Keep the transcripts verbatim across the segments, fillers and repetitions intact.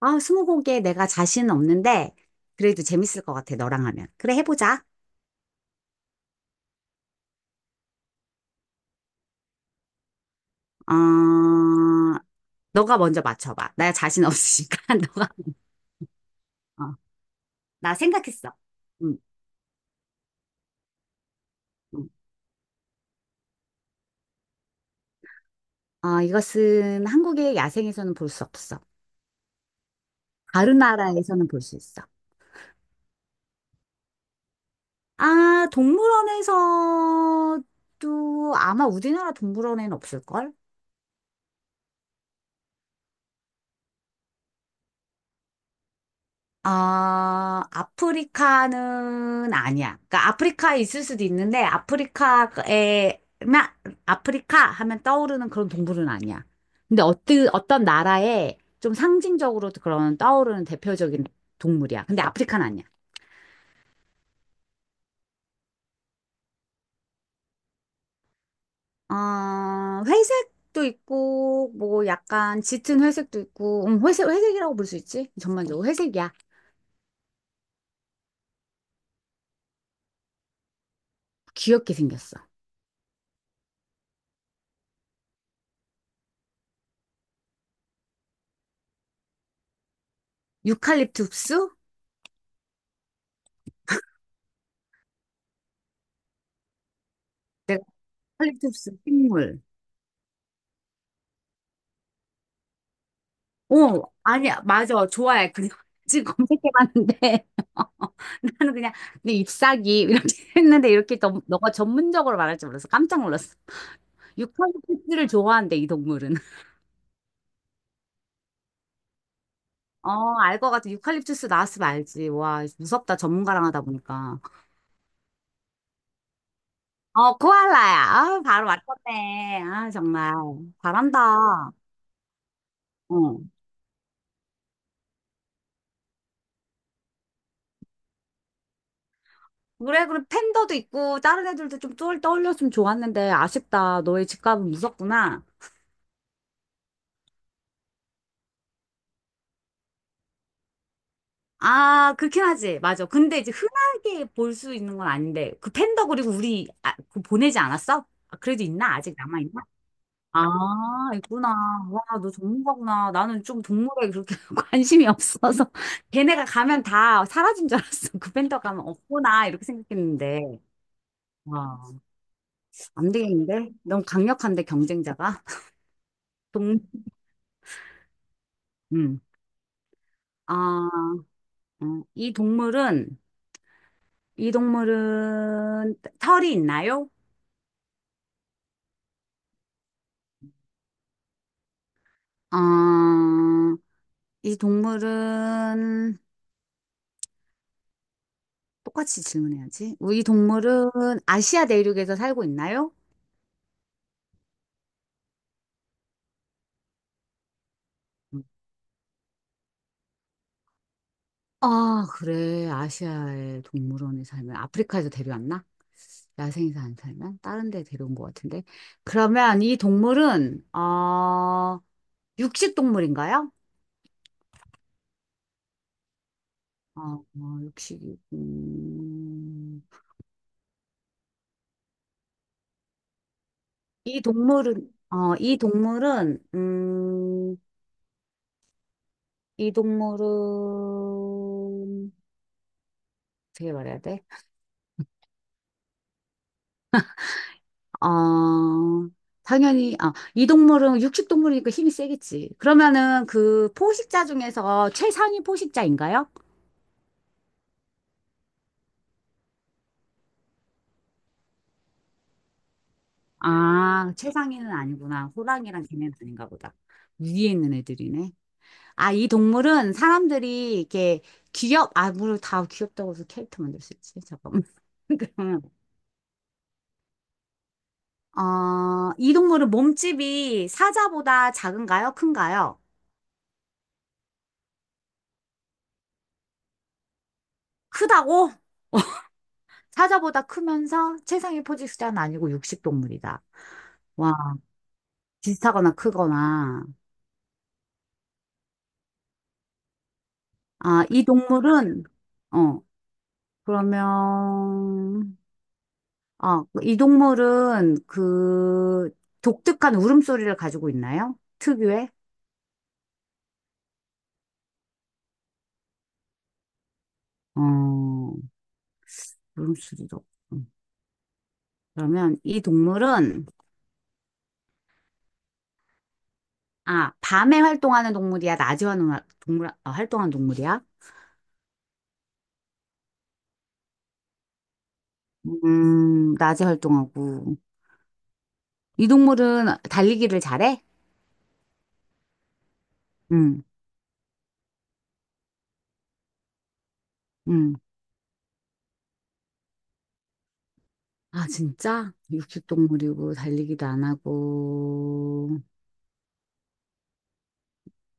아, 스무고개 내가 자신은 없는데, 그래도 재밌을 것 같아, 너랑 하면. 그래, 해보자. 어, 너가 먼저 맞춰봐. 나 자신 없으니까, 너가. 어, 나 생각했어. 응, 응. 어, 이것은 한국의 야생에서는 볼 수 없어. 다른 나라에서는 볼 수 있어. 아, 동물원에서도 아마 우리나라 동물원에는 없을걸? 아, 아프리카는 아니야. 그러니까 아프리카에 있을 수도 있는데 아프리카에 마- 아프리카 하면 떠오르는 그런 동물은 아니야. 근데 어떤 어떤 나라에 좀 상징적으로 그런 떠오르는 대표적인 동물이야. 근데 아프리카는 아니야. 어, 회색도 있고 뭐 약간 짙은 회색도 있고 음, 회색 회색이라고 볼 수 있지? 전반적으로 회색이야. 귀엽게 생겼어. 유칼립투스? 내가 유칼립투스 식물. 어, 아니, 맞아. 좋아해. 그냥 지금 검색해봤는데. 나는 그냥, 내 잎사귀, 이렇게 했는데, 이렇게 너, 너가 전문적으로 말할 줄 몰라서 깜짝 놀랐어. 유칼립투스를 좋아한대, 이 동물은. 어, 알 것 같아. 유칼립투스 나왔으면 알지. 와, 무섭다. 전문가랑 하다 보니까. 어, 코알라야. 아, 바로 맞췄네. 아, 정말. 잘한다. 어. 그래, 그래. 팬더도 있고, 다른 애들도 좀 떠- 떠올렸으면 좋았는데, 아쉽다. 너의 집값은 무섭구나. 아, 그렇긴 하지. 맞아. 근데 이제 흔하게 볼 수 있는 건 아닌데, 그 팬더 그리고 우리, 아, 그 보내지 않았어? 아, 그래도 있나? 아직 남아있나? 아, 있구나. 와, 너 전문가구나. 나는 좀 동물에 그렇게 관심이 없어서. 걔네가 가면 다 사라진 줄 알았어. 그 팬더 가면 없구나. 이렇게 생각했는데. 와, 안 되겠는데? 너무 강력한데, 경쟁자가. 동, 음. 아, 음. 이 동물은, 이 동물은 털이 있나요? 아, 이 동물은 똑같이 질문해야지. 뭐 이 동물은 아시아 대륙에서 살고 있나요? 음. 아, 그래. 아시아의 동물원에 살면 아프리카에서 데려왔나? 야생에서 안 살면 다른 데 데려온 것 같은데. 그러면 이 동물은 어 육식 동물인가요? 어, 어 육식이 음... 이 동물은 어 이 동물은 음 이 동물은 어떻게 말해야 돼? 어, 당연히, 아, 이 동물은 육식동물이니까 힘이 세겠지. 그러면은 그 포식자 중에서 최상위 포식자인가요? 아, 최상위는 아니구나. 호랑이랑 걔네는 아닌가 보다. 위에 있는 애들이네. 아, 이 동물은 사람들이 이렇게 귀엽, 아, 물론 다 귀엽다고 해서 캐릭터 만들 수 있지. 잠깐만. 그러면, 어, 이 동물은 몸집이 사자보다 작은가요? 큰가요? 크다고? 사자보다 크면서 최상위 포식자는 아니고 육식동물이다. 와, 비슷하거나 크거나. 아, 이 동물은, 어, 그러면, 아, 이 동물은 그 독특한 울음소리를 가지고 있나요? 특유의? 어, 울음소리도. 없고. 그러면 이 동물은, 아, 밤에 활동하는 동물이야? 낮에 활동하- 동물, 아, 활동하는 동물이야? 음, 낮에 활동하고. 이 동물은 달리기를 잘해? 응. 응. 아, 진짜? 육식동물이고, 달리기도 안 하고,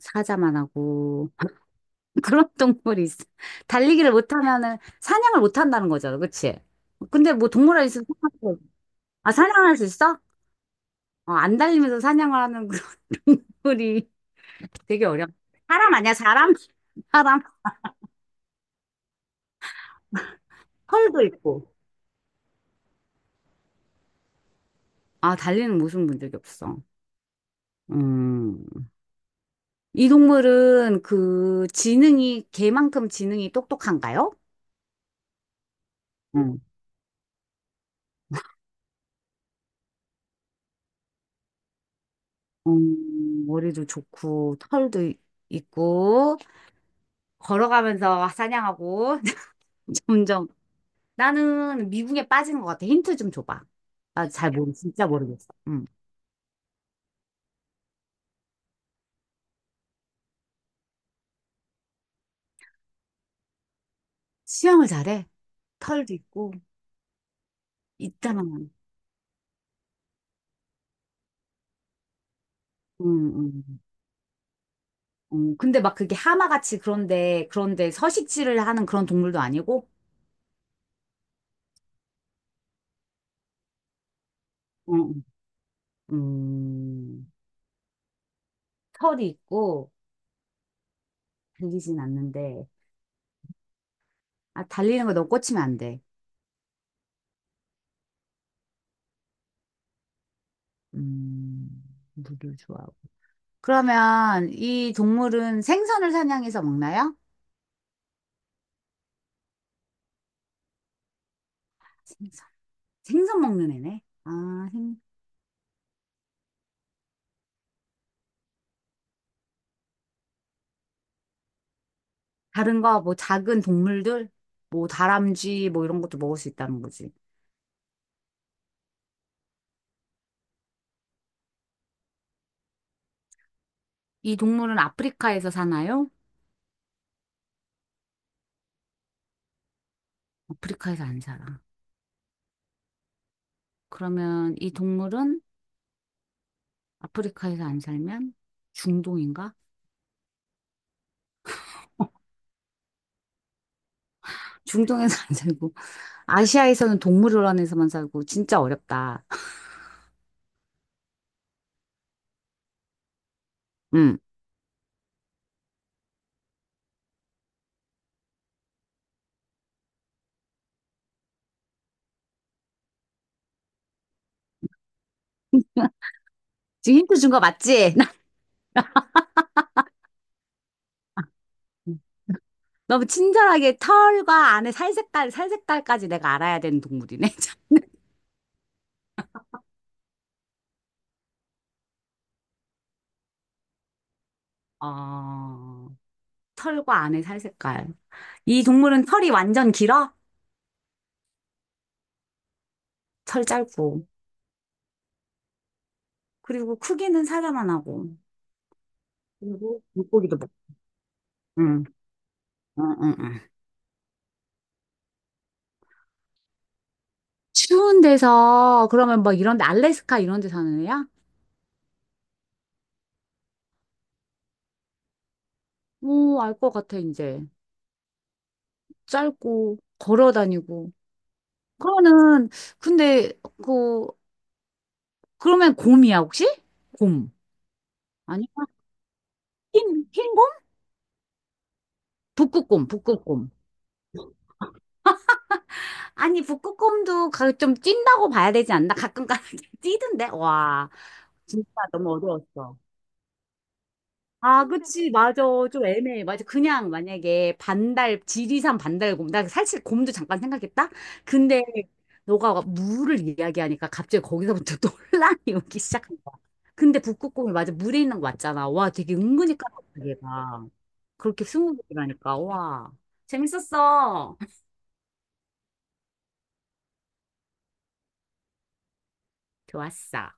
사자만 하고, 그런 동물이 있어. 달리기를 못하면은, 사냥을 못한다는 거잖아, 그치? 근데 뭐 동물원 있으면, 사냥할 수- 아, 사냥할 수 있어? 어, 안 달리면서 사냥을 하는 그런 동물이 되게 어려워. 사람 아니야, 사람? 사람. 털도 있고. 아, 달리는 모습 본 적이 없어. 음. 이 동물은 그 지능이, 개만큼 지능이 똑똑한가요? 음. 음, 머리도 좋고, 털도 이- 있고, 걸어가면서 사냥하고, 점점. 나는 미궁에 빠진 것 같아. 힌트 좀 줘봐. 나 잘 모르, 진짜 모르겠어. 응. 수영을 잘해. 털도 있고, 있다만. 응, 응. 응. 응. 근데 막 그게 하마같이 그런데, 그런데 서식지를 하는 그런 동물도 아니고, 응. 응. 음, 털이 있고, 달리진 않는데, 아, 달리는 거 너무 꽂히면 안 돼. 음, 물을 좋아. 그러면 이 동물은 생선을 사냥해서 먹나요? 생선. 생선 먹는 애네. 아, 생, 다른 거, 뭐 작은 동물들, 뭐 다람쥐, 뭐 이런 것도 먹을 수 있다는 거지. 이 동물은 아프리카에서 사나요? 아프리카에서 안 살아. 그러면 이 동물은 아프리카에서 안 살면 중동인가? 중동에서 안 살고. 아시아에서는 동물원에서만 살고. 진짜 어렵다. 음, 지금 힌트 준 거 맞지? 너무 친절하게 털과 안에 살 색깔, 살 색깔까지 내가 알아야 되는 동물이네. 참. 어, 털과 안에 살 색깔. 이 동물은 털이 완전 길어? 털 짧고. 그리고 크기는 사자만 하고. 그리고 물고기도 먹고. 응, 응, 응, 응. 추운 데서, 그러면 막 이런 데, 알래스카 이런 데 사는 애야? 오, 알 것 같아, 이제. 짧고, 걸어 다니고. 그러면은, 근데, 그, 그러면 곰이야, 혹시? 곰. 아니? 흰, 흰 북극곰, 북극곰. 아니, 북극곰도 가- 좀 찐다고 봐야 되지 않나? 가끔 가다 찌던데? 와, 진짜 너무 어려웠어. 아, 그치, 맞아. 좀 애매해. 맞아. 그냥 만약에 반달, 지리산 반달곰. 나 사실 곰도 잠깐 생각했다? 근데 너가 물을 이야기하니까 갑자기 거기서부터 논란이 오기 시작한 거야. 근데 북극곰이 맞아. 물에 있는 거 맞잖아. 와, 되게 은근히 까다롭다, 얘가. 그렇게 스무고개라니까. 와, 재밌었어. 좋았어.